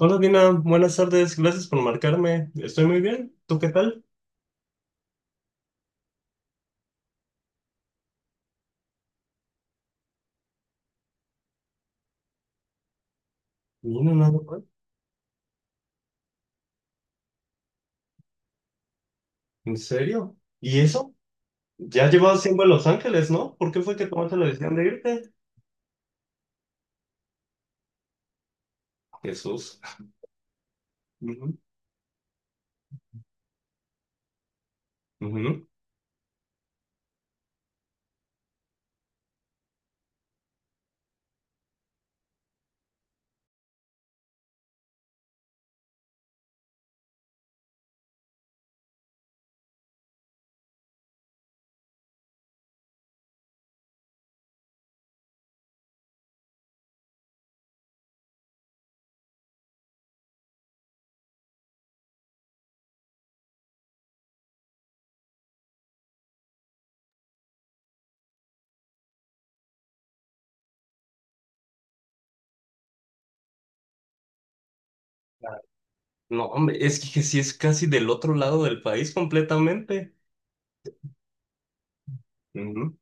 Hola Dina, buenas tardes, gracias por marcarme. Estoy muy bien, ¿tú qué tal? Mira, nada mal. ¿En serio? ¿Y eso? Ya llevas tiempo en Los Ángeles, ¿no? ¿Por qué fue que tomaste la decisión de irte? Jesús. Ujú, ujú. No, hombre, es que sí es casi del otro lado del país completamente. Ujú.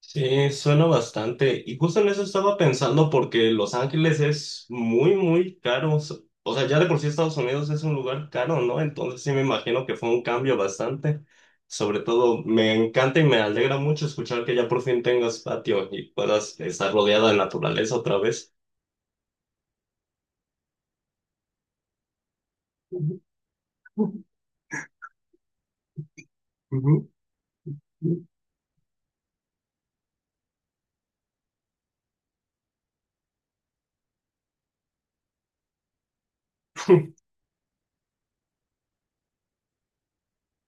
Sí, suena bastante. Y justo en eso estaba pensando porque Los Ángeles es muy, muy caro. O sea, ya de por sí Estados Unidos es un lugar caro, ¿no? Entonces sí me imagino que fue un cambio bastante. Sobre todo, me encanta y me alegra mucho escuchar que ya por fin tengas patio y puedas estar rodeada de naturaleza otra vez. Ujú, ujú.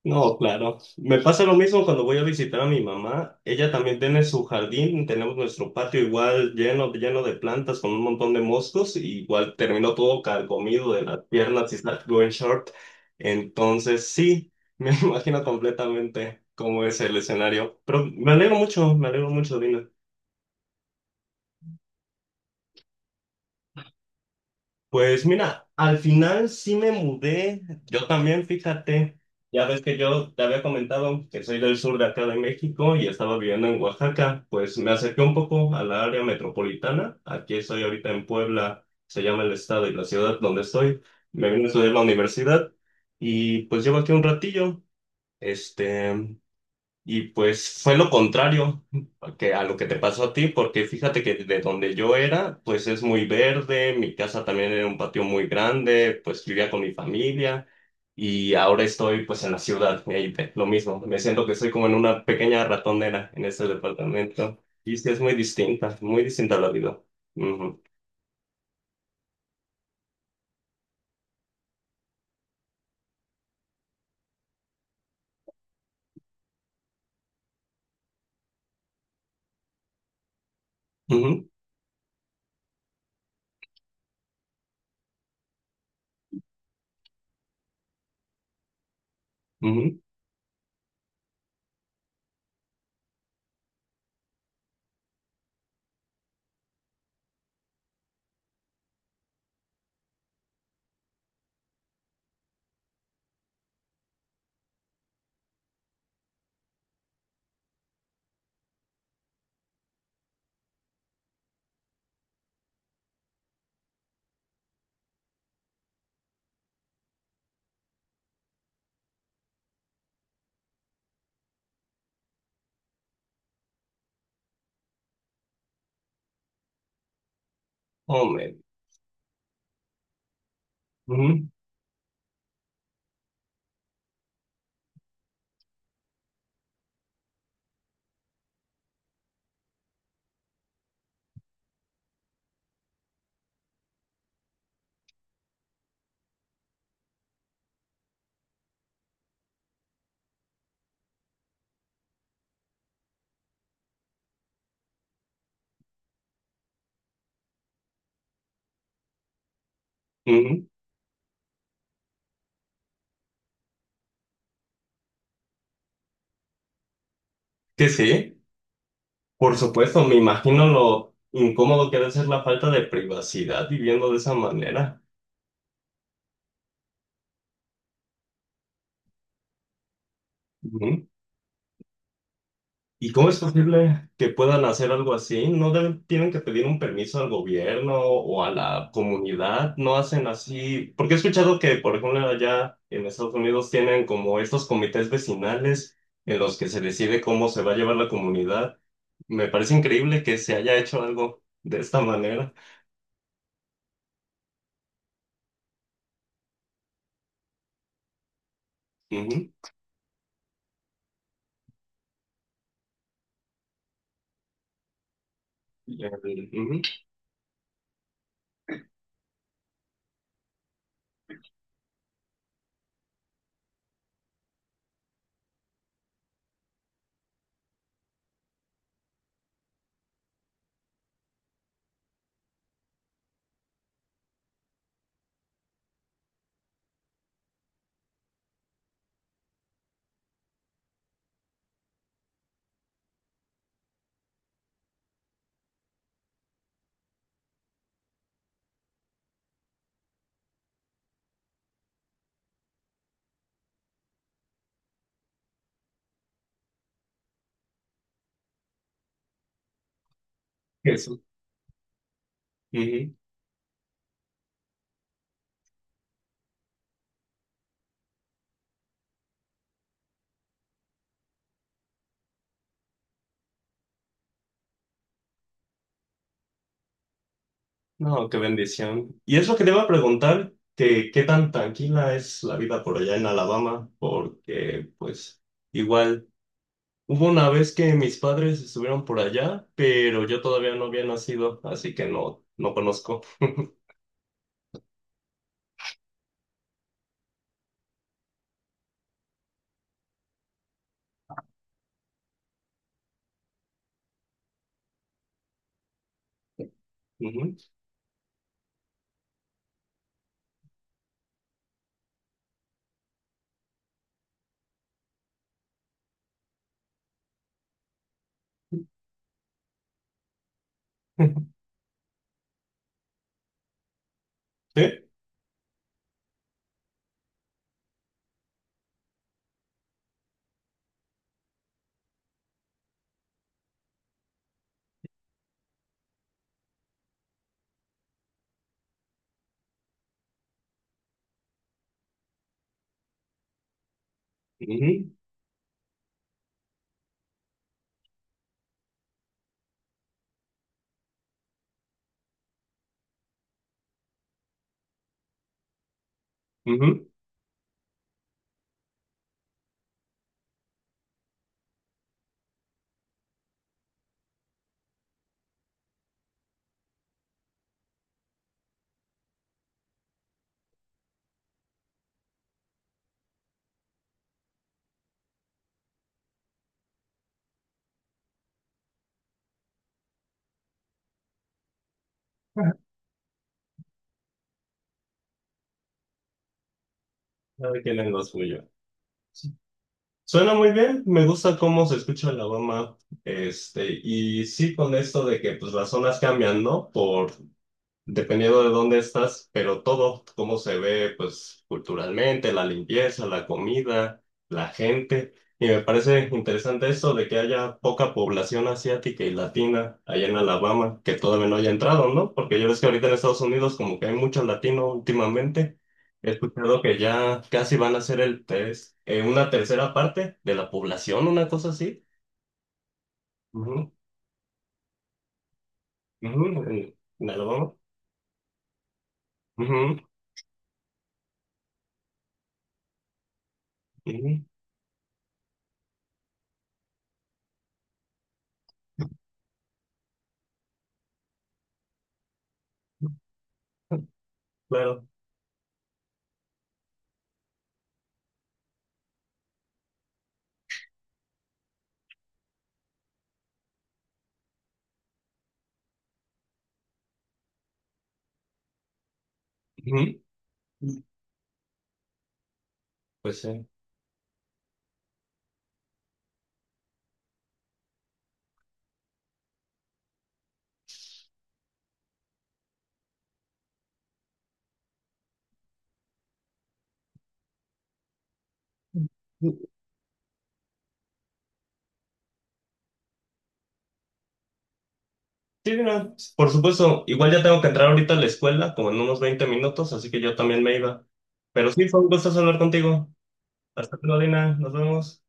No, claro. Me pasa lo mismo cuando voy a visitar a mi mamá. Ella también tiene su jardín, tenemos nuestro patio igual lleno, lleno de plantas con un montón de moscos, y igual terminó todo carcomido de las piernas y está going short. Entonces, sí, me imagino completamente cómo es el escenario. Pero me alegro mucho, Dina. Pues mira, al final sí me mudé, yo también, fíjate, ya ves que yo te había comentado que soy del sur de acá de México y estaba viviendo en Oaxaca, pues me acerqué un poco a la área metropolitana, aquí estoy ahorita en Puebla, se llama el estado y la ciudad donde estoy, me vine a estudiar la universidad y pues llevo aquí un ratillo, este, y pues fue lo contrario que a lo que te pasó a ti, porque fíjate que de donde yo era, pues es muy verde, mi casa también era un patio muy grande, pues vivía con mi familia y ahora estoy pues en la ciudad, y lo mismo, me siento que estoy como en una pequeña ratonera en este departamento y sí es muy distinta la vida. Ujú, ujú, ujú, oh, man, ujú, ujú, que sí. Por supuesto, me imagino lo incómodo que debe ser la falta de privacidad viviendo de esa manera. Ujú. ¿Y cómo es posible que puedan hacer algo así? ¿No deben- ¿Tienen que pedir un permiso al gobierno o a la comunidad? ¿No hacen así? Porque he escuchado que, por ejemplo, allá en Estados Unidos tienen como estos comités vecinales en los que se decide cómo se va a llevar la comunidad. Me parece increíble que se haya hecho algo de esta manera. Ujú. Ujú. Eso. No, qué bendición. Y es lo que te iba a preguntar, que qué tan tranquila es la vida por allá en Alabama, porque pues igual hubo una vez que mis padres estuvieron por allá, pero yo todavía no había nacido, así que no, no conozco. Ujú. Sí, ujú, ujú. Cada quien en lo suyo. Sí. Suena muy bien, me gusta cómo se escucha Alabama, este, y sí con esto de que pues las zonas cambian, ¿no? Por Dependiendo de dónde estás, pero todo, cómo se ve, pues culturalmente, la limpieza, la comida, la gente. Y me parece interesante eso de que haya poca población asiática y latina allá en Alabama, que todavía no haya entrado, ¿no? Porque yo ves que ahorita en Estados Unidos como que hay mucho latino últimamente. He escuchado que ya casi van a ser el tres, una tercera parte de la población, una cosa así. Ujú, ujú, en Alabama. Ujú, ujú, claro. Ujú. Pues sí. Sí, mira, por supuesto, igual ya tengo que entrar ahorita a la escuela, como en unos 20 minutos, así que yo también me iba. Pero sí, fue un gusto hablar contigo. Hasta luego, Dina, nos vemos.